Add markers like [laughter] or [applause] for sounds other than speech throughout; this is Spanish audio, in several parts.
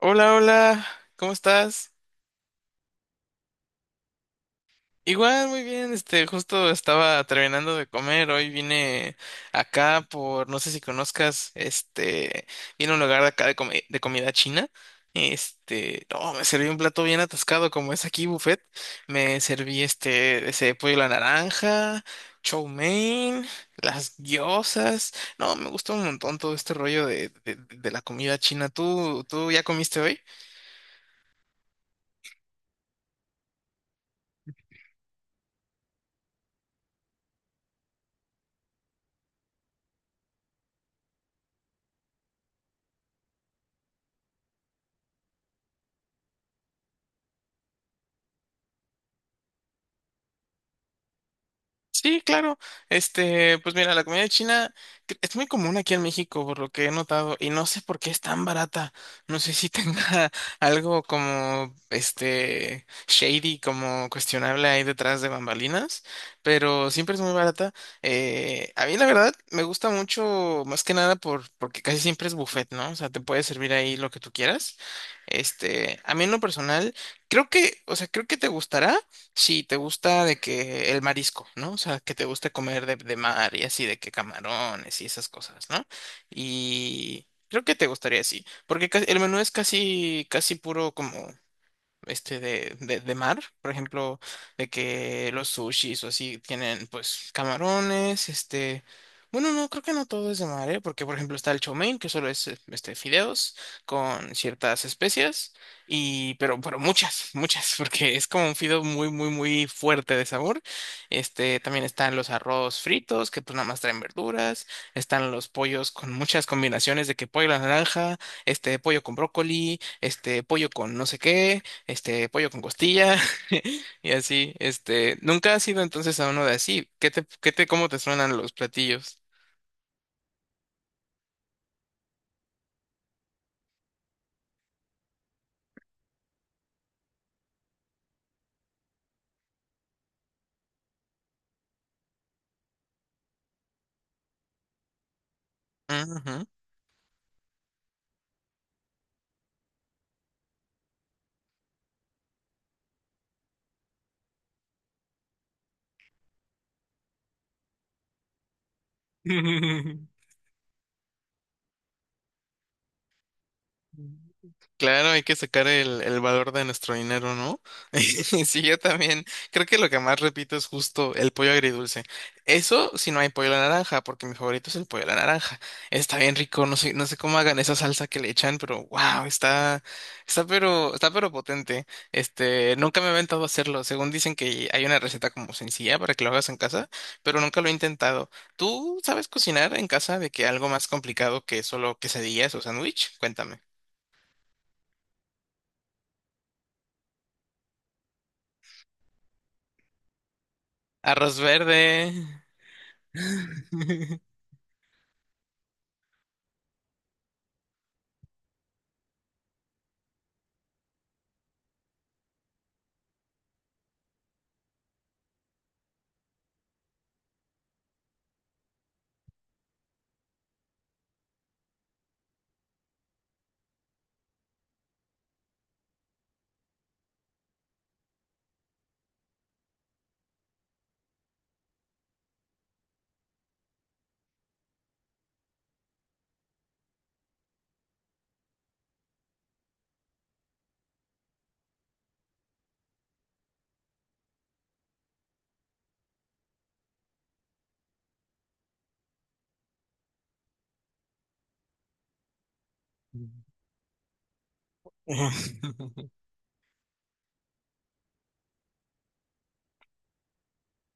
Hola, hola, ¿cómo estás? Igual, muy bien, justo estaba terminando de comer. Hoy vine acá por, no sé si conozcas, vine a un lugar de acá de, de comida china. No, me serví un plato bien atascado, como es aquí buffet. Me serví ese pollo a la naranja, chow mein, las gyozas. No, me gusta un montón todo este rollo de la comida china. Tú ya comiste hoy? Sí, claro. Pues mira, la comida china es muy común aquí en México, por lo que he notado, y no sé por qué es tan barata. No sé si tenga [laughs] algo como, shady, como cuestionable ahí detrás de bambalinas, pero siempre es muy barata. A mí la verdad me gusta mucho, más que nada porque casi siempre es buffet, ¿no? O sea, te puede servir ahí lo que tú quieras. A mí en lo personal, creo que, o sea, creo que te gustará. Sí, te gusta de que el marisco, ¿no? O sea, que te gusta comer de mar y así, de que camarones y esas cosas, ¿no? Y creo que te gustaría así, porque el menú es casi, casi puro como de mar, por ejemplo, de que los sushis o así tienen pues camarones. Bueno, no, creo que no todo es de mar, ¿eh? Porque por ejemplo está el chow mein, que solo es fideos con ciertas especias, y pero muchas, muchas, [laughs] porque es como un fideo muy muy muy fuerte de sabor. También están los arroz fritos, que pues nada más traen verduras. Están los pollos con muchas combinaciones de que pollo a la naranja, este pollo con brócoli, este pollo con no sé qué, pollo con costilla. [laughs] Y así. Nunca has ido entonces a uno de así. ¿Cómo te suenan los platillos? Ujú. [laughs] Claro, hay que sacar el valor de nuestro dinero, ¿no? [laughs] Sí, yo también. Creo que lo que más repito es justo el pollo agridulce. Eso si no hay pollo a la naranja, porque mi favorito es el pollo a la naranja. Está bien rico, no sé, no sé cómo hagan esa salsa que le echan, pero wow, está pero potente. Nunca me he aventado a hacerlo. Según dicen que hay una receta como sencilla para que lo hagas en casa, pero nunca lo he intentado. ¿Tú sabes cocinar en casa de que algo más complicado que solo quesadillas o sándwich? Cuéntame. Arroz verde. [laughs] [laughs]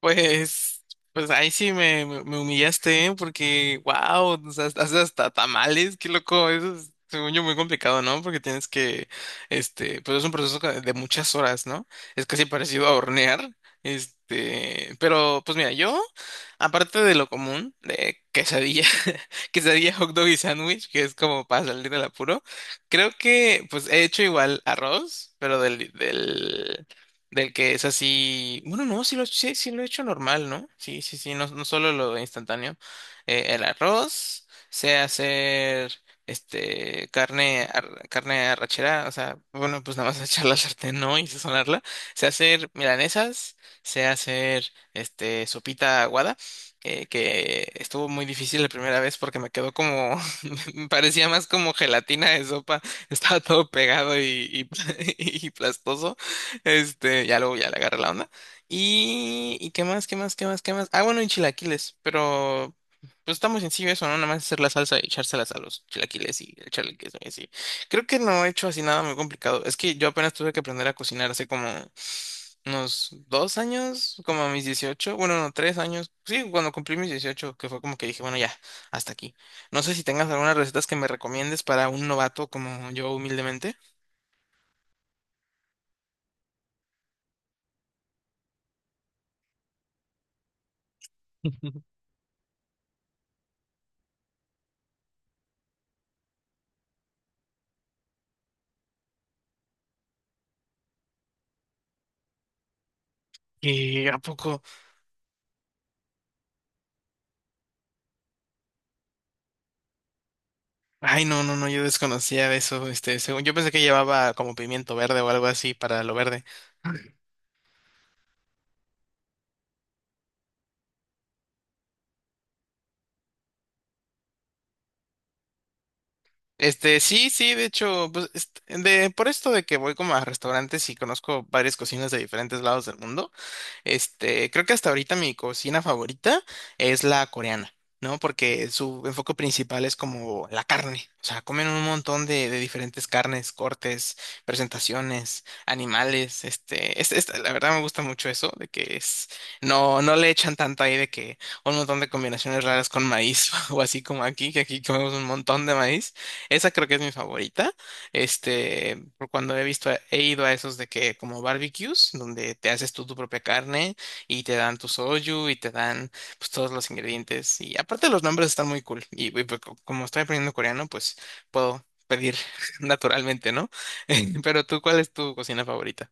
Pues, pues ahí sí me humillaste, ¿eh? Porque, wow, haces hasta tamales, qué loco, eso es, según yo, muy complicado, ¿no? Porque tienes que, pues es un proceso de muchas horas, ¿no? Es casi parecido a hornear. Pues mira, yo, aparte de lo común, de quesadilla, [laughs] quesadilla, hot dog y sándwich, que es como para salir del apuro, creo que, pues he hecho igual arroz, pero del que es así. Bueno, no, sí lo he hecho normal, ¿no? Sí, sí, sí, no, no solo lo instantáneo. El arroz, sé hacer carne, carne arrachera, o sea, bueno, pues nada más [laughs] echar la sartén, ¿no? Y sazonarla. Sé hacer milanesas. Sé hacer sopita aguada, que estuvo muy difícil la primera vez porque me quedó como, [laughs] me parecía más como gelatina de sopa, [laughs] estaba todo pegado y [laughs] y plastoso. Ya luego ya le agarré la onda. ¿Y qué más, qué más, qué más, qué más? Ah, bueno, y chilaquiles, pero pues está muy sencillo eso, ¿no? Nada más hacer la salsa y echárselas a los chilaquiles y echarle queso y así. Creo que no he hecho así nada muy complicado. Es que yo apenas tuve que aprender a cocinar hace como unos 2 años, como a mis 18, bueno, no, 3 años. Sí, cuando cumplí mis 18 que fue como que dije, bueno, ya, hasta aquí. No sé si tengas algunas recetas que me recomiendes para un novato como yo humildemente. [laughs] ¿Y a poco? Ay, no, no, no, yo desconocía eso, según, yo pensé que llevaba como pimiento verde o algo así para lo verde. Sí, sí, de hecho, pues, por esto de que voy como a restaurantes y conozco varias cocinas de diferentes lados del mundo. Creo que hasta ahorita mi cocina favorita es la coreana, ¿no? Porque su enfoque principal es como la carne. O sea, comen un montón de diferentes carnes, cortes, presentaciones, animales. La verdad me gusta mucho eso, de que es, no, no le echan tanto ahí de que un montón de combinaciones raras con maíz [laughs] o así como aquí, que aquí comemos un montón de maíz. Esa creo que es mi favorita. Por cuando he visto, he ido a esos de que como barbecues, donde te haces tú tu propia carne y te dan tu soyu y te dan pues todos los ingredientes. Y aparte los nombres están muy cool. Pues, como estoy aprendiendo coreano, pues puedo pedir [laughs] naturalmente, ¿no? [laughs] Pero tú, ¿cuál es tu cocina favorita?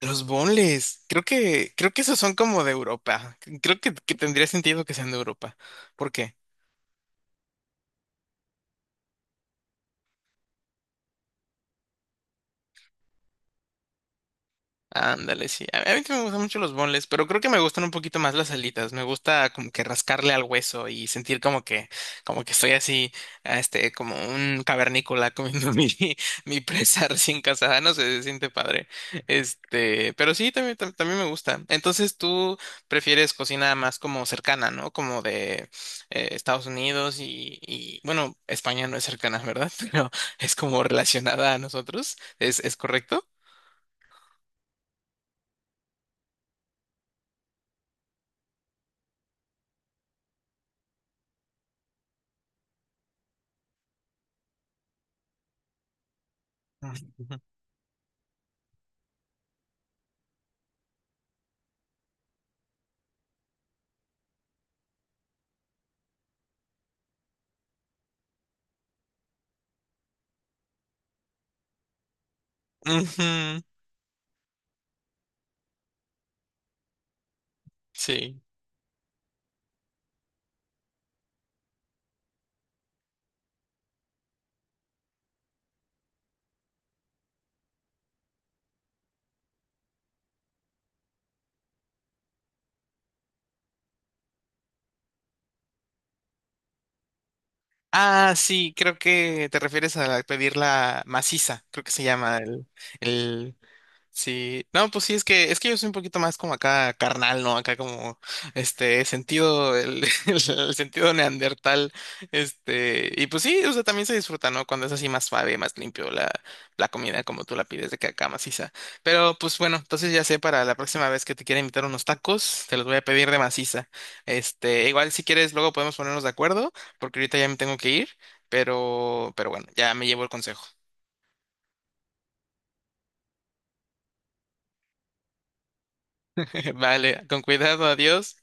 Los bonles, creo que esos son como de Europa. Creo que tendría sentido que sean de Europa. ¿Por qué? Ándale, sí. A mí también me gustan mucho los boneless, pero creo que me gustan un poquito más las alitas. Me gusta como que rascarle al hueso y sentir como que estoy así, como un cavernícola comiendo [laughs] mi presa recién casada. No sé, se siente padre. Pero sí, también, también me gusta. Entonces tú prefieres cocina más como cercana, ¿no? Como de Estados Unidos bueno, España no es cercana, ¿verdad? [laughs] Pero es como relacionada a nosotros. ¿Es correcto? Ujú, sí. Ah, sí, creo que te refieres a pedir la maciza, creo que se llama el, el. Sí, no, pues sí, es que yo soy un poquito más como acá carnal, ¿no? Acá como sentido, el, [laughs] el sentido neandertal. Y pues sí, o sea, también se disfruta, ¿no? Cuando es así más suave, más limpio la comida como tú la pides de que acá maciza. Pero pues bueno, entonces ya sé, para la próxima vez que te quiera invitar unos tacos, te los voy a pedir de maciza. Igual si quieres, luego podemos ponernos de acuerdo, porque ahorita ya me tengo que ir, pero bueno, ya me llevo el consejo. [laughs] Vale, con cuidado, adiós.